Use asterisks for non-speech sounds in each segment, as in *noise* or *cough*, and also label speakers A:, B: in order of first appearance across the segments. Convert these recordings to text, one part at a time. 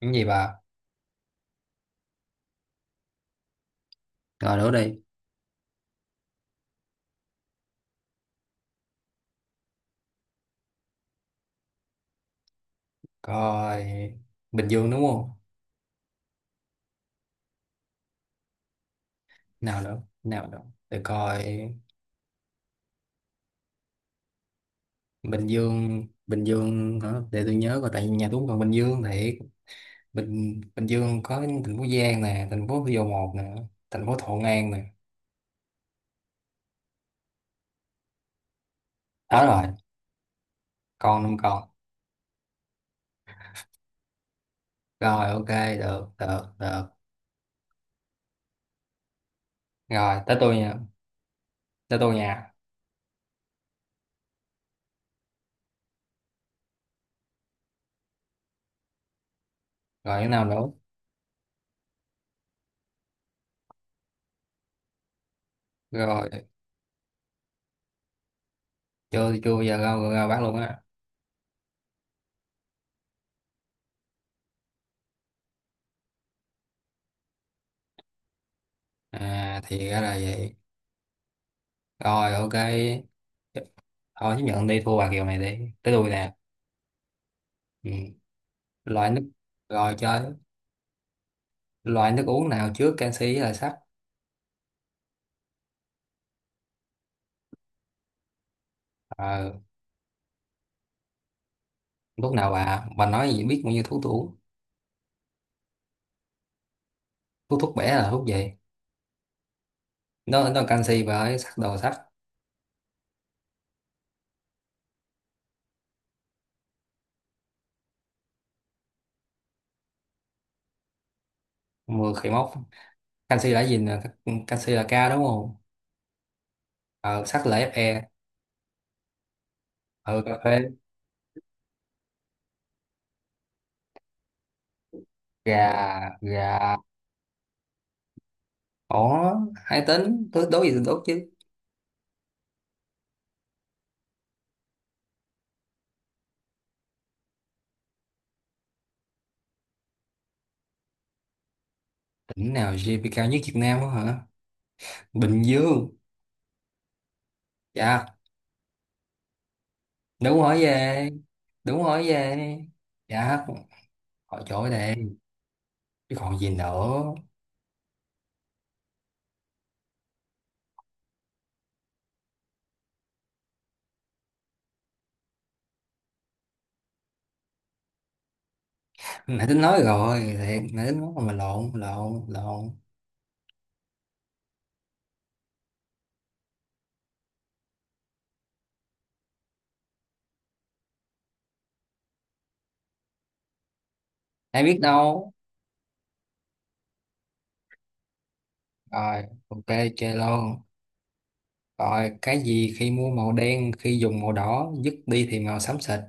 A: Cái gì bà? Rồi đố đi. Coi Bình Dương đúng không? Nào nữa, nào nữa. Để coi Bình Dương, Bình Dương hả? Để tôi nhớ coi tại vì nhà tôi cũng còn Bình Dương thì Bình Bình Dương có thành phố Giang nè, thành phố Thủ Dầu Một nè, thành phố Thuận An nè. Đó rồi, còn năm còn. Rồi ok, được, được, được. Rồi, tới tôi nha, tới tôi nha. Rồi cái nào nữa? Rồi, chưa chưa bao giờ ra ra bác luôn á. À thì ra là vậy. Rồi ok, thôi chứ nhận đi thua bà Kiều này đi tới đuôi nè, ừ. Loại nước rồi chơi, loại nước uống nào trước, canxi là sắt. Ờ, lúc nào bà nói gì, biết bao nhiêu thuốc tôi uống. Thuốc thuốc bẻ là thuốc gì? Nó là canxi và ấy sắt, đồ sắt. Mưa khỉ mốc. Canxi là gì nè, canxi là K đúng không? Ờ, sắt là Fe. Ờ, cà phê. Gà. Gà. Ỏ. Hai tính tôi đố gì tôi đố chứ. Tỉnh nào GDP cao nhất Việt Nam á hả? Bình Dương. Dạ, đúng, hỏi về, đúng hỏi về. Dạ, hỏi chỗ đây, chứ còn gì nữa. Nãy tính nói rồi, thiệt nãy tính nói mà lộn, lộn. Ai biết đâu. Rồi ok, chơi luôn. Rồi, cái gì khi mua màu đen, khi dùng màu đỏ, dứt đi thì màu xám xịt?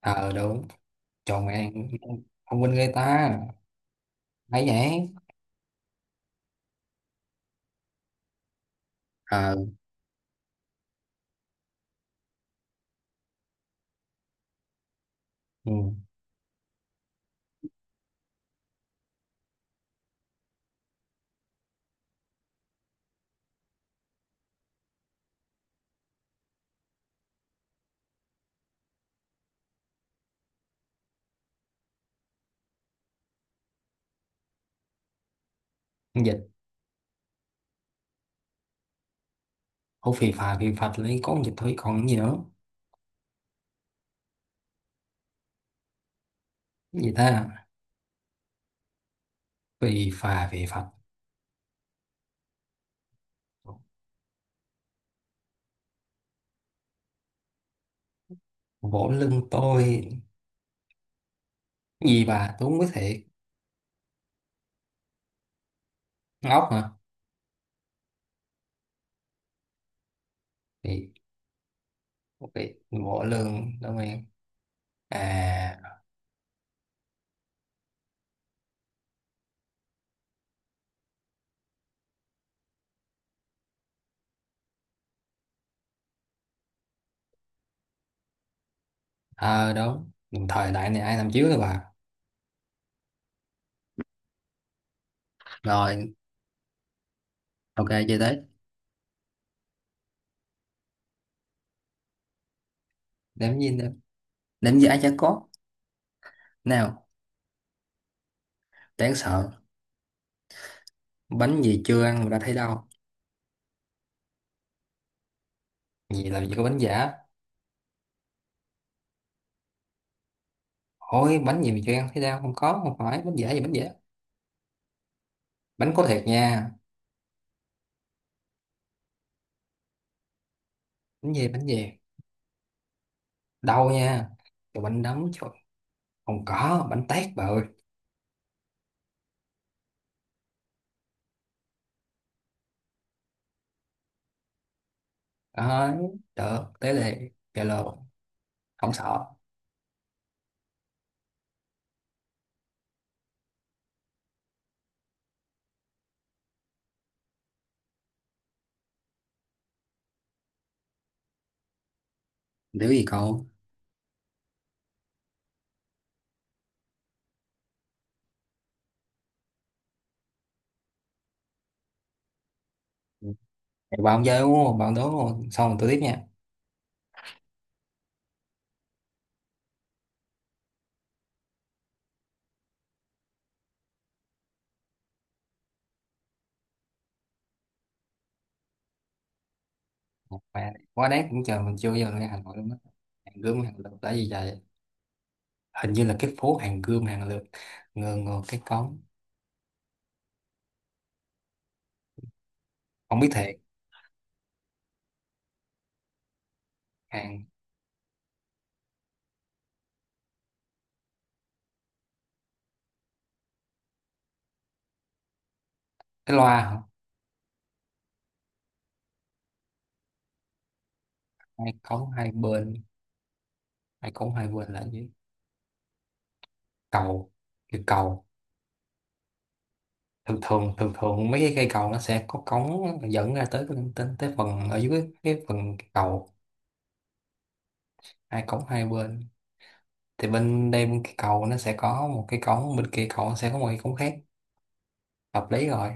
A: Ờ, đúng. Tròn mẹ. Thông minh người ta, thấy vậy. Ờ. Ừ. Con dịch. Ô, phì phà phì phạch lấy con dịch thôi, còn cái gì nữa? Cái gì ta? Phì phà phì phạch, vỗ lưng tôi. Cái gì bà, tôi không biết thiệt. Ngốc hả? Thì ok, bộ lương đúng em. À. Ờ đúng. Đồng thời đại này ai làm chiếu rồi bà. Rồi ok, chơi tới. Đếm gì nữa, đếm giả chả có. Nào. Đáng sợ. Bánh gì chưa ăn mà đã thấy đau? Gì, làm gì có bánh giả. Ôi, bánh gì mà chưa ăn thấy đau, không có, không phải bánh giả gì bánh giả. Bánh có thiệt nha. Bánh gì, bánh gì? Đau nha. Trời, bánh đấm trời. Không có bánh tét bà ơi. Đấy, được tới đây Zalo, không sợ. Nếu gì cậu. Thì bạn chơi đúng không? Bạn đố luôn. Xong rồi tôi tiếp nha. Mẹ, quá đáng, cũng chờ mình chưa bao giờ nghe Hà Nội luôn á. Hàng gươm hàng lược tại vì vậy. Hình như là cái phố hàng gươm hàng lược. Ngờ ngờ cái cống. Không biết thiệt. Hàng cái loa hả? Hai cống hai bên. Hai cống hai bên là gì? Cầu. Cái cầu. Thường thường mấy cái cây cầu nó sẽ có cống dẫn ra tới cái tới, tới phần ở dưới cái phần cầu. Hai cống hai bên. Thì bên đây bên cái cầu nó sẽ có một cái cống, bên kia cầu nó sẽ có một cái cống khác, hợp lý rồi.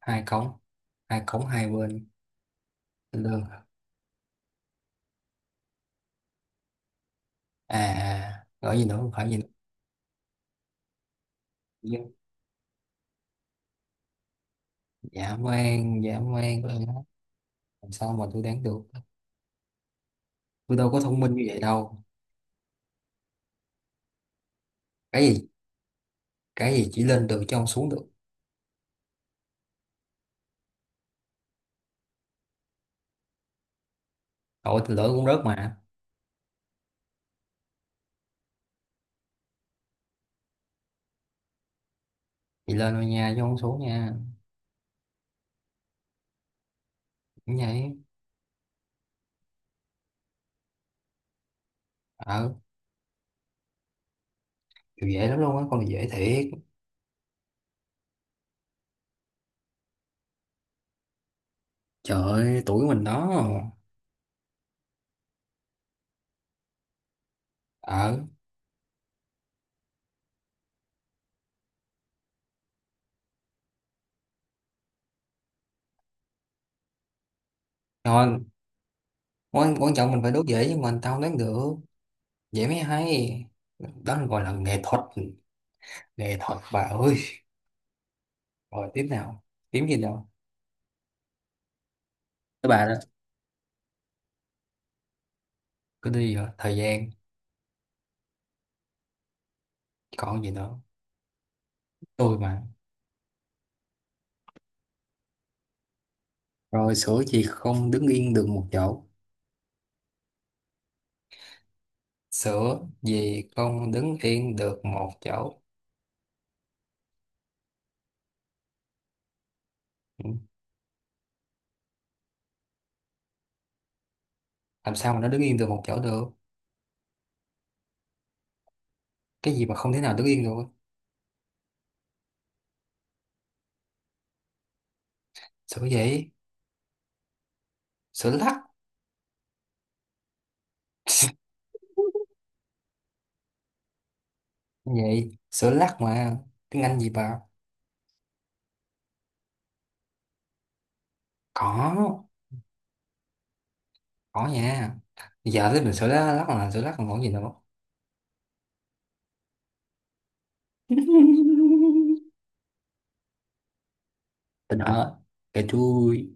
A: Hai cống, hai hai bên. Lương. À gọi gì nữa, không phải gì nữa. Dạ. Dã man, dã man của em, làm sao mà tôi đoán được, tôi đâu có thông minh như vậy đâu. Cái gì? Cái gì chỉ lên được chứ không xuống được? Tội thì lỡ cũng rớt mà. Chị lên thôi nha chứ không xuống nha. Cũng vậy. Ờ, kiểu dễ lắm luôn á, con này dễ thiệt. Trời ơi, tuổi mình đó. Ờ. Rồi quan, quan trọng mình phải đốt dễ nhưng mà tao đoán được. Dễ mới hay. Đó là gọi là nghệ thuật, nghệ thuật bà ơi. Rồi tiếp nào, kiếm gì đâu, các bạn đó. Cứ đi, rồi thời gian. Còn gì nữa, tôi mà. Rồi, sữa gì không đứng yên được một chỗ? Sữa gì không đứng yên được một chỗ? Ừ, làm sao mà nó đứng yên được một chỗ được. Cái gì mà không thể nào đứng yên được? Sữa gì? Sữa lắc. *laughs* Vậy sữa lắc mà, tiếng Anh gì bà. có có nha. Giờ tới mình, sữa lắc, lắc là sữa lắc, còn còn gì nữa. *laughs* Tình hả? Kệ chui.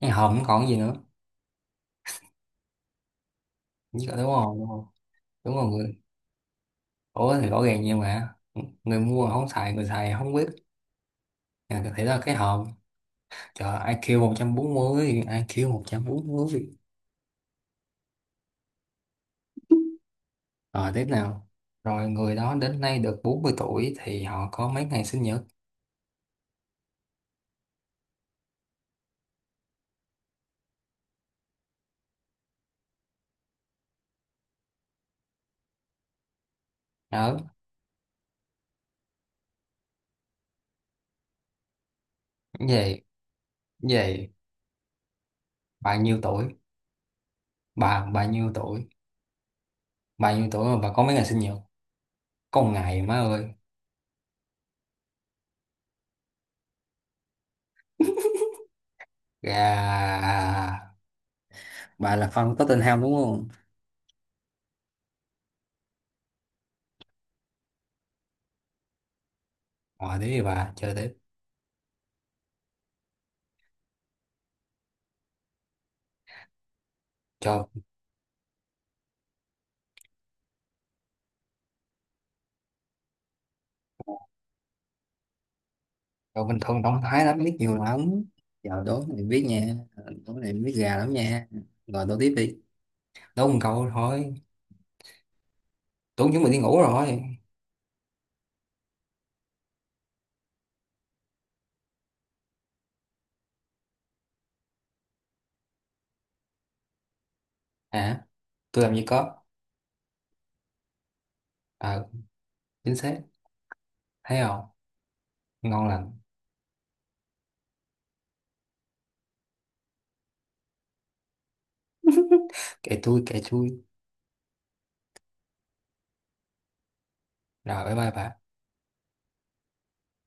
A: Cái hồn còn gì nữa. Dạ, đúng rồi, đúng rồi. Đúng rồi người. Ủa thì rõ ràng vậy mà, người mua không xài, người xài không biết. À, thế là cái hòm. Trời, IQ 140, IQ 140. Rồi tiếp nào. Rồi, người đó đến nay được 40 tuổi thì họ có mấy ngày sinh nhật? Đó. Về, về. Bà nhiêu tuổi? Bà nhiêu tuổi, bà nhiêu tuổi mà bà có mấy ngày sinh nhật? Có một ngày má ơi. Gà. Bà là fan Tottenham đúng không? Rồi thế thì bà chơi tiếp. Cho. Rồi bình thường động thái lắm, biết nhiều lắm, giờ đố này biết nha. Ờ, đố này biết gà lắm nha. Rồi đố tiếp đi, đố một câu thôi, tưởng chúng mình đi ngủ rồi. Hả? Tôi làm gì có. Ờ, chính xác, thấy không, ngon lành. *laughs* Kệ tôi, kệ tôi. Rồi bye bye bà.